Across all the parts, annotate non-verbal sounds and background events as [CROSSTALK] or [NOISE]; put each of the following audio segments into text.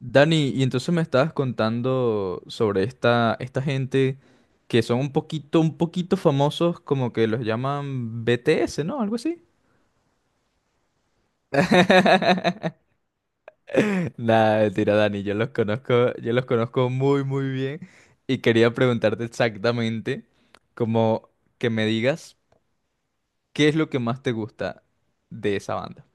Dani, y entonces me estabas contando sobre esta gente que son un poquito famosos, como que los llaman BTS, ¿no? Algo así. [LAUGHS] Nada, mentira, Dani, yo los conozco muy, muy bien y quería preguntarte exactamente, como que me digas, ¿qué es lo que más te gusta de esa banda?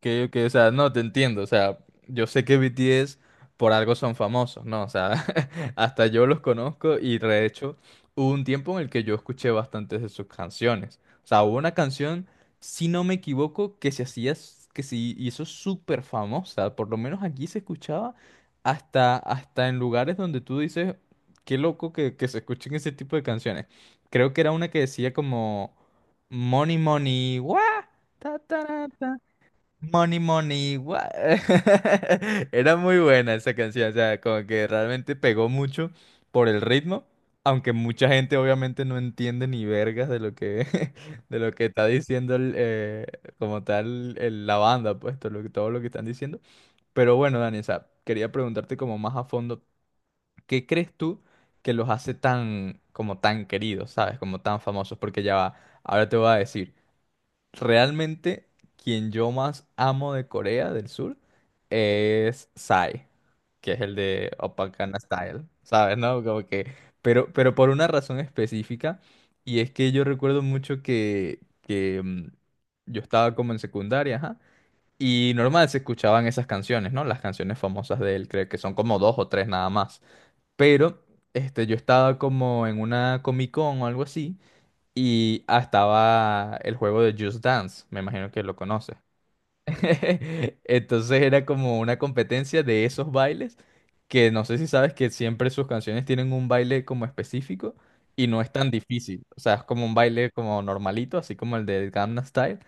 Que, o sea, no te entiendo, o sea, yo sé que BTS por algo son famosos, ¿no? O sea, [LAUGHS] hasta yo los conozco y de hecho hubo un tiempo en el que yo escuché bastantes de sus canciones. O sea, hubo una canción, si no me equivoco, que se hizo súper famosa, por lo menos aquí se escuchaba hasta en lugares donde tú dices, qué loco que se escuchen ese tipo de canciones. Creo que era una que decía como, Money, money, guau. Money, money, what? [LAUGHS] Era muy buena esa canción, o sea, como que realmente pegó mucho por el ritmo, aunque mucha gente obviamente no entiende ni vergas de lo que, [LAUGHS] de lo que está diciendo como tal la banda, pues todo lo que están diciendo. Pero bueno, Dani, o sea, quería preguntarte como más a fondo, ¿qué crees tú que los hace tan, como tan queridos, sabes, como tan famosos? Porque ya va, ahora te voy a decir. Realmente, quien yo más amo de Corea del Sur es Psy, que es el de Opacana Style, ¿sabes? ¿No? Como que, pero por una razón específica, y es que yo recuerdo mucho que yo estaba como en secundaria, ajá, y normal se escuchaban esas canciones, ¿no? Las canciones famosas de él, creo que son como dos o tres nada más. Pero, este, yo estaba como en una Comic Con o algo así y estaba el juego de Just Dance, me imagino que lo conoces. [LAUGHS] Entonces era como una competencia de esos bailes, que no sé si sabes que siempre sus canciones tienen un baile como específico y no es tan difícil. O sea, es como un baile como normalito, así como el de Gangnam Style,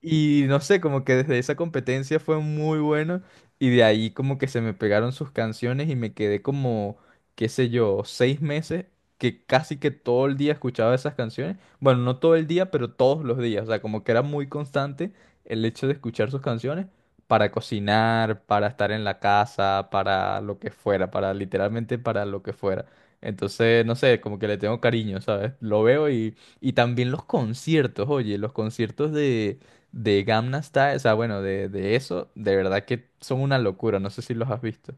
y no sé, como que desde esa competencia fue muy bueno y de ahí como que se me pegaron sus canciones y me quedé como, qué sé yo, 6 meses que casi que todo el día escuchaba esas canciones. Bueno, no todo el día, pero todos los días. O sea, como que era muy constante el hecho de escuchar sus canciones para cocinar, para estar en la casa, para lo que fuera, para literalmente para lo que fuera. Entonces, no sé, como que le tengo cariño, ¿sabes? Lo veo y también los conciertos, oye, los conciertos de Gamma Style, o sea, bueno, de eso, de verdad que son una locura, no sé si los has visto.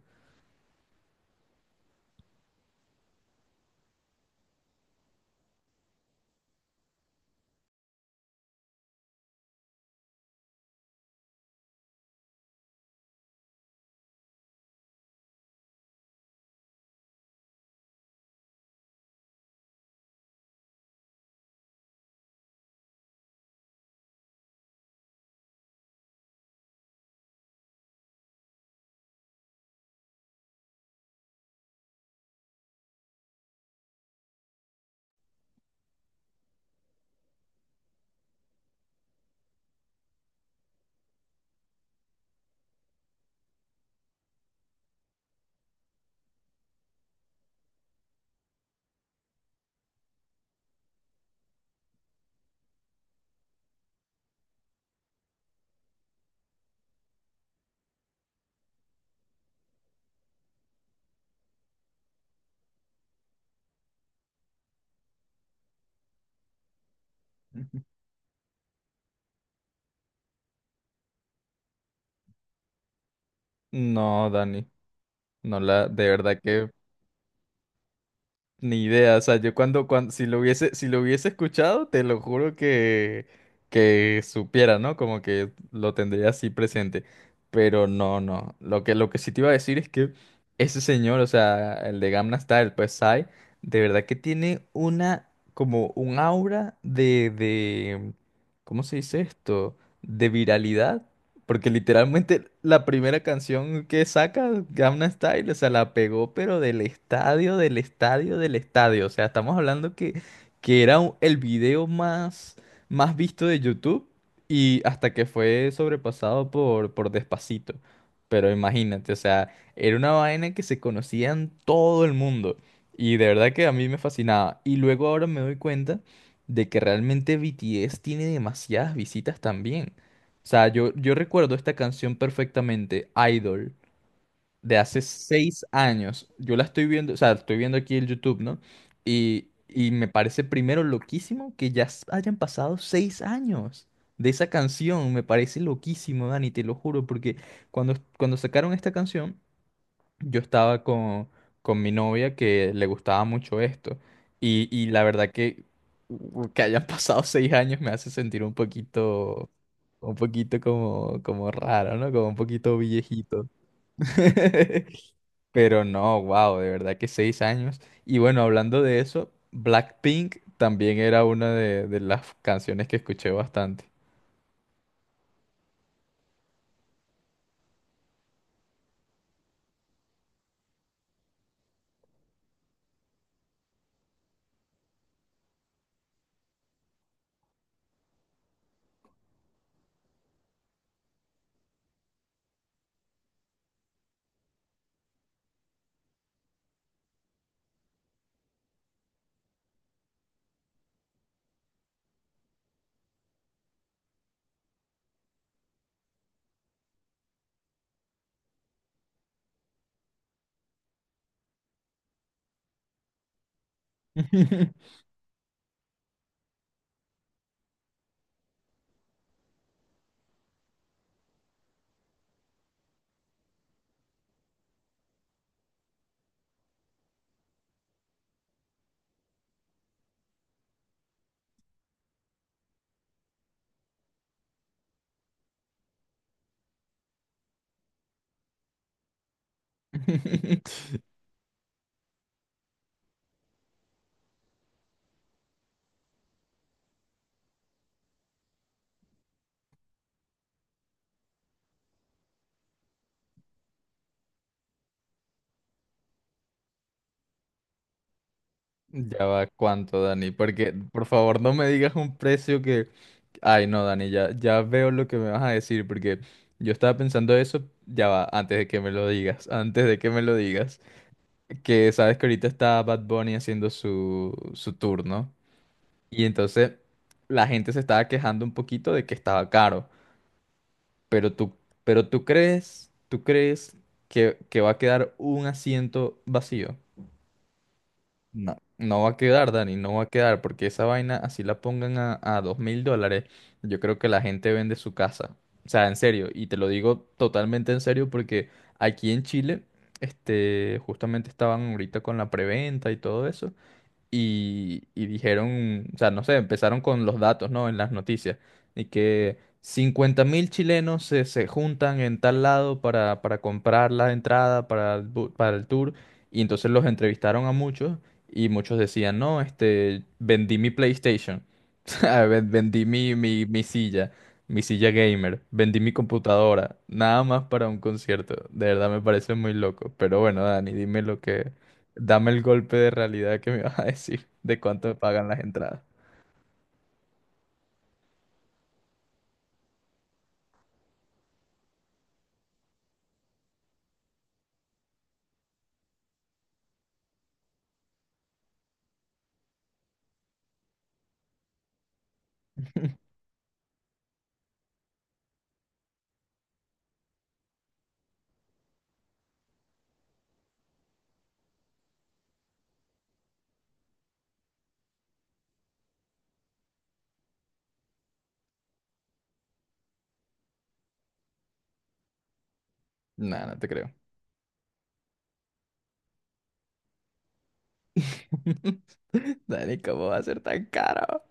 No, Dani, no la, de verdad que ni idea, o sea, yo cuando, si lo hubiese escuchado, te lo juro que supiera, ¿no? Como que lo tendría así presente. Pero no, no. Lo que sí te iba a decir es que ese señor, o sea, el de Gamma Style, pues Psy, de verdad que tiene una, como un aura de, ¿cómo se dice esto? De viralidad porque literalmente la primera canción que saca Gangnam Style, o sea, la pegó, pero del estadio, del estadio, del estadio. O sea, estamos hablando que era el video más visto de YouTube y hasta que fue sobrepasado por Despacito. Pero imagínate, o sea, era una vaina que se conocía en todo el mundo y de verdad que a mí me fascinaba. Y luego ahora me doy cuenta de que realmente BTS tiene demasiadas visitas también. O sea, yo recuerdo esta canción perfectamente, Idol, de hace 6 años. Yo la estoy viendo, o sea, estoy viendo aquí el YouTube, ¿no? Y me parece primero loquísimo que ya hayan pasado 6 años de esa canción. Me parece loquísimo, Dani, te lo juro, porque cuando sacaron esta canción, yo estaba con mi novia que le gustaba mucho esto. Y la verdad que hayan [LAUGHS] pasado 6 años me hace sentir un poquito... Un poquito como raro, ¿no? Como un poquito viejito. [LAUGHS] Pero no, wow, de verdad que 6 años. Y bueno, hablando de eso, Blackpink también era una de las canciones que escuché bastante. [LAUGHS] Ya va, ¿cuánto, Dani? Porque, por favor, no me digas un precio que... Ay, no, Dani, ya, ya veo lo que me vas a decir, porque yo estaba pensando eso, ya va, antes de que me lo digas, antes de que me lo digas. Que sabes que ahorita está Bad Bunny haciendo su tour, ¿no? Y entonces la gente se estaba quejando un poquito de que estaba caro, pero tú, pero tú crees, tú crees, que va a quedar un asiento vacío. No, no va a quedar, Dani, no va a quedar, porque esa vaina, así la pongan a $2,000, yo creo que la gente vende su casa. O sea, en serio, y te lo digo totalmente en serio porque aquí en Chile, este, justamente estaban ahorita con la preventa y todo eso. Y dijeron, o sea, no sé, empezaron con los datos, ¿no? En las noticias. Y que 50,000 chilenos se juntan en tal lado para comprar la entrada para para el tour. Y entonces los entrevistaron a muchos y muchos decían, no, este, vendí mi PlayStation, [LAUGHS] vendí mi silla, mi silla gamer, vendí mi computadora, nada más para un concierto. De verdad me parece muy loco. Pero bueno, Dani, dime lo que... Dame el golpe de realidad que me vas a decir de cuánto me pagan las entradas. [LAUGHS] Nah, no te creo. [LAUGHS] Dani, ¿cómo va a ser tan caro?